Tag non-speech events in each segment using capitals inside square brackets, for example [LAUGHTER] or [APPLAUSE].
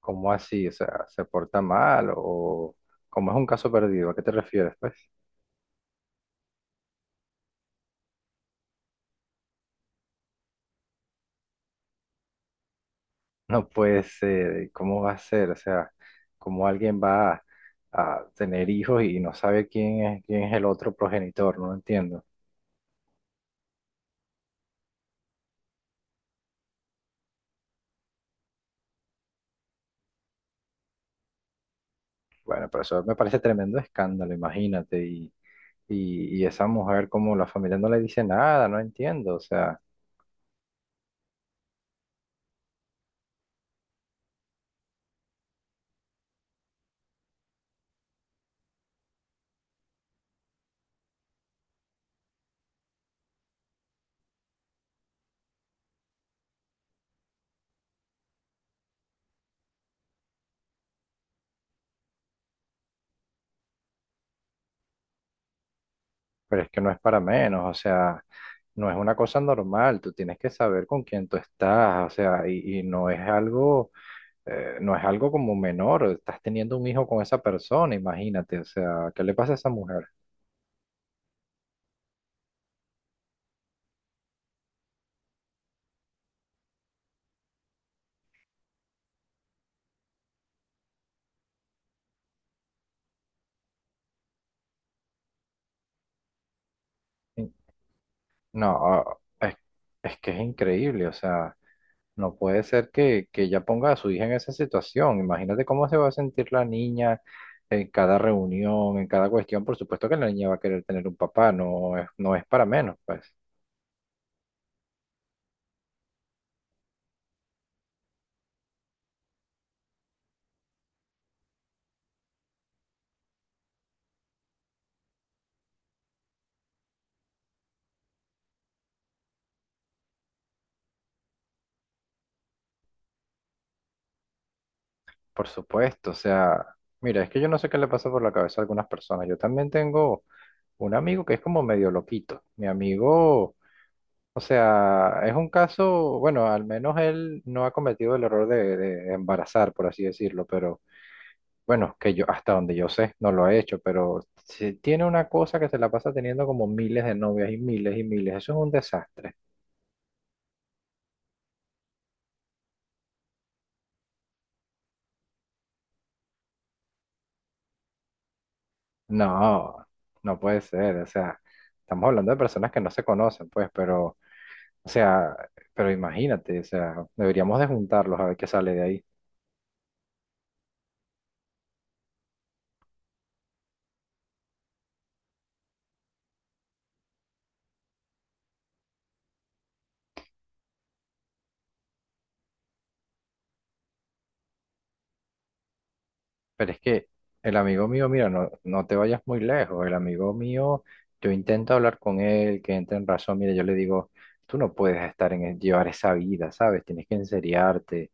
¿Cómo así? O sea, ¿se porta mal o cómo es un caso perdido? ¿A qué te refieres, pues? [LAUGHS] No puede ser, ¿cómo va a ser? O sea, ¿cómo alguien va a tener hijos y no sabe quién es el otro progenitor? No lo entiendo. Bueno, pero eso me parece tremendo escándalo, imagínate. Y esa mujer, como la familia no le dice nada, no entiendo. O sea, pero es que no es para menos, o sea. No es una cosa normal, tú tienes que saber con quién tú estás, o sea, y no es algo, no es algo como menor, estás teniendo un hijo con esa persona, imagínate, o sea, ¿qué le pasa a esa mujer? In- No, es que es increíble, o sea, no puede ser que ella ponga a su hija en esa situación, imagínate cómo se va a sentir la niña en cada reunión, en cada cuestión, por supuesto que la niña va a querer tener un papá, no es para menos, pues, por supuesto, o sea, mira, es que yo no sé qué le pasa por la cabeza a algunas personas, yo también tengo un amigo que es como medio loquito, mi amigo. O sea, es un caso, bueno, al menos él no ha cometido el error de, embarazar, por así decirlo, pero bueno, que yo, hasta donde yo sé, no lo he hecho, pero si tiene una cosa que se la pasa teniendo como miles de novias y miles, eso es un desastre. No, no puede ser, o sea, estamos hablando de personas que no se conocen, pues, pero, o sea, pero imagínate, o sea, deberíamos de juntarlos a ver qué sale de ahí. Pero es que el amigo mío, mira, no, no te vayas muy lejos. El amigo mío, yo intento hablar con él, que entre en razón. Mira, yo le digo, tú no puedes estar llevar esa vida, ¿sabes? Tienes que enseriarte.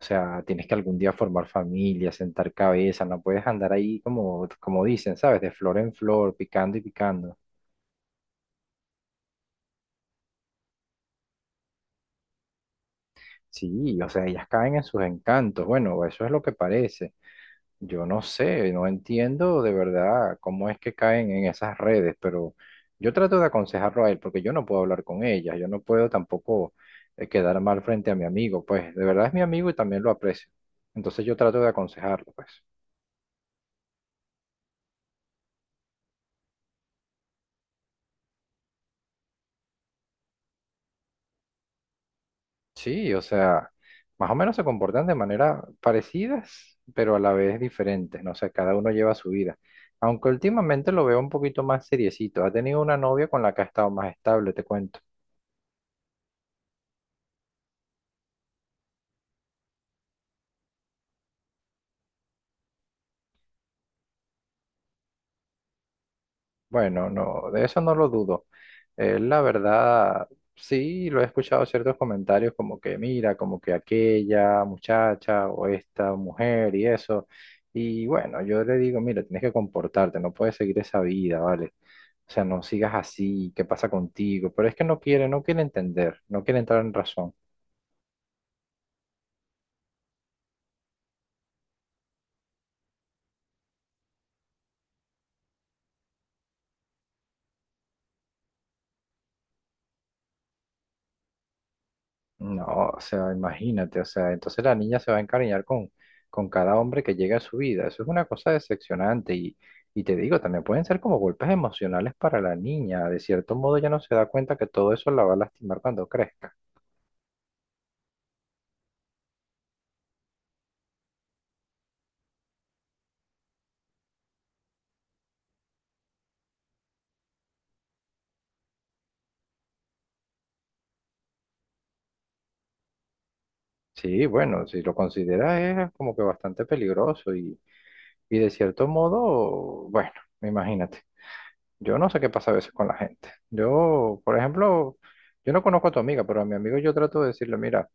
O sea, tienes que algún día formar familia, sentar cabeza. No puedes andar ahí como, como dicen, ¿sabes? De flor en flor, picando y picando. Sí, o sea, ellas caen en sus encantos. Bueno, eso es lo que parece. Yo no sé, no entiendo de verdad cómo es que caen en esas redes, pero yo trato de aconsejarlo a él porque yo no puedo hablar con ellas, yo no puedo tampoco, quedar mal frente a mi amigo, pues de verdad es mi amigo y también lo aprecio. Entonces yo trato de aconsejarlo, pues. Sí, o sea, más o menos se comportan de manera parecidas, pero a la vez diferentes, no sé, cada uno lleva su vida. Aunque últimamente lo veo un poquito más seriecito, ha tenido una novia con la que ha estado más estable, te cuento. Bueno, no, de eso no lo dudo. La verdad, sí, lo he escuchado ciertos comentarios como que mira, como que aquella muchacha o esta mujer y eso. Y bueno, yo le digo, mira, tienes que comportarte, no puedes seguir esa vida, ¿vale? O sea, no sigas así, ¿qué pasa contigo? Pero es que no quiere, entender, no quiere entrar en razón. No, o sea, imagínate, o sea, entonces la niña se va a encariñar con cada hombre que llega a su vida. Eso es una cosa decepcionante y te digo, también pueden ser como golpes emocionales para la niña. De cierto modo ya no se da cuenta que todo eso la va a lastimar cuando crezca. Sí, bueno, si lo consideras es como que bastante peligroso y de cierto modo, bueno, imagínate. Yo no sé qué pasa a veces con la gente. Yo, por ejemplo, yo no conozco a tu amiga, pero a mi amigo yo trato de decirle, mira,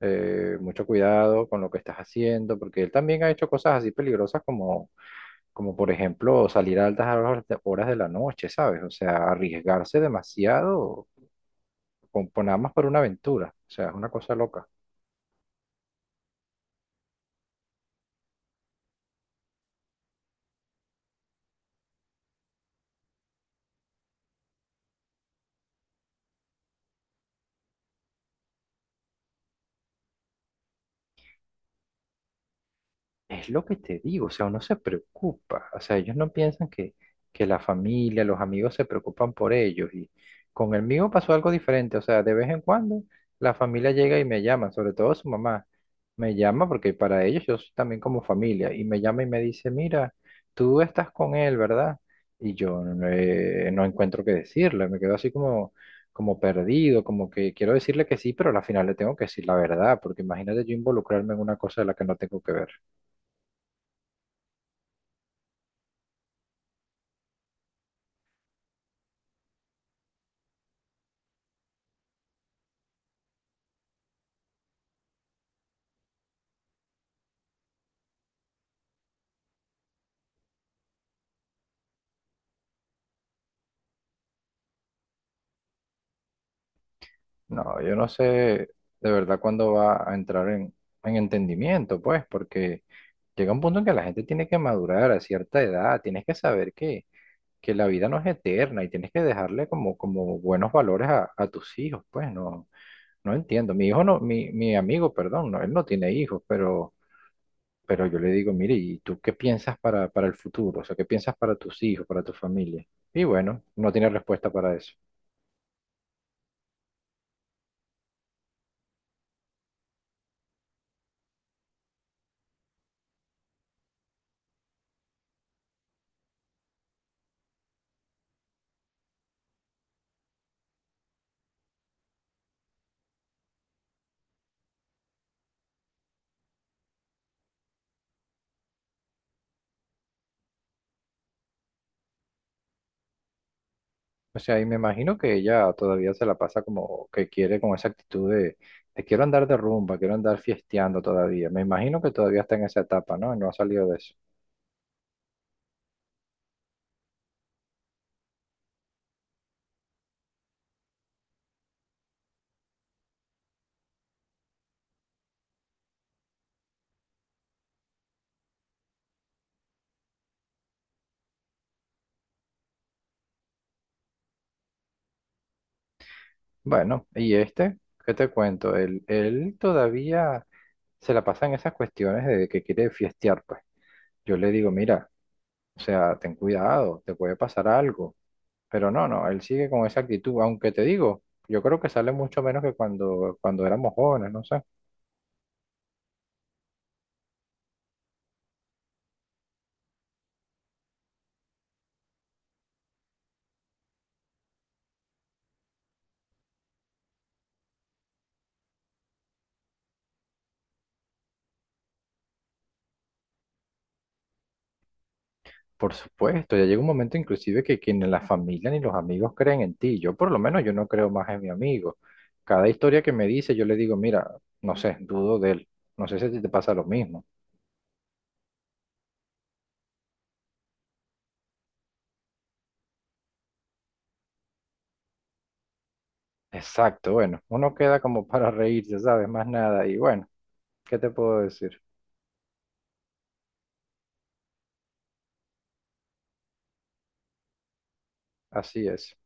mucho cuidado con lo que estás haciendo, porque él también ha hecho cosas así peligrosas como, como por ejemplo, salir a altas horas horas de la noche, ¿sabes? O sea, arriesgarse demasiado por nada más por una aventura, o sea, es una cosa loca. Es lo que te digo, o sea, uno se preocupa, o sea, ellos no piensan que la familia, los amigos se preocupan por ellos y con el mío pasó algo diferente, o sea, de vez en cuando la familia llega y me llama, sobre todo su mamá, me llama porque para ellos yo soy también como familia y me llama y me dice, mira, tú estás con él, ¿verdad? Y yo, no encuentro qué decirle, me quedo así como, como perdido, como que quiero decirle que sí, pero al final le tengo que decir la verdad, porque imagínate yo involucrarme en una cosa de la que no tengo que ver. No, yo no sé de verdad cuándo va a entrar en entendimiento, pues, porque llega un punto en que la gente tiene que madurar a cierta edad, tienes que saber que la vida no es eterna y tienes que dejarle como buenos valores a tus hijos, pues, no, no entiendo. Mi hijo no, mi amigo, perdón, no, él no tiene hijos, pero, yo le digo, mire, ¿y tú qué piensas para el futuro? O sea, ¿qué piensas para tus hijos, para tu familia? Y bueno, no tiene respuesta para eso. O sea, y me imagino que ella todavía se la pasa como que quiere con esa actitud de, quiero andar de rumba, quiero andar fiesteando todavía. Me imagino que todavía está en esa etapa, ¿no? No ha salido de eso. Bueno, y este, ¿qué te cuento? Él todavía se la pasa en esas cuestiones de que quiere fiestear, pues. Yo le digo, mira, o sea, ten cuidado, te puede pasar algo. Pero no, no, él sigue con esa actitud, aunque te digo, yo creo que sale mucho menos que cuando éramos jóvenes, no sé. Por supuesto, ya llega un momento inclusive que ni la familia ni los amigos creen en ti. Yo por lo menos yo no creo más en mi amigo. Cada historia que me dice, yo le digo, mira, no sé, dudo de él. No sé si a ti te pasa lo mismo. Exacto, bueno, uno queda como para reírse, ¿sabes? Más nada. Y bueno, ¿qué te puedo decir? Así es.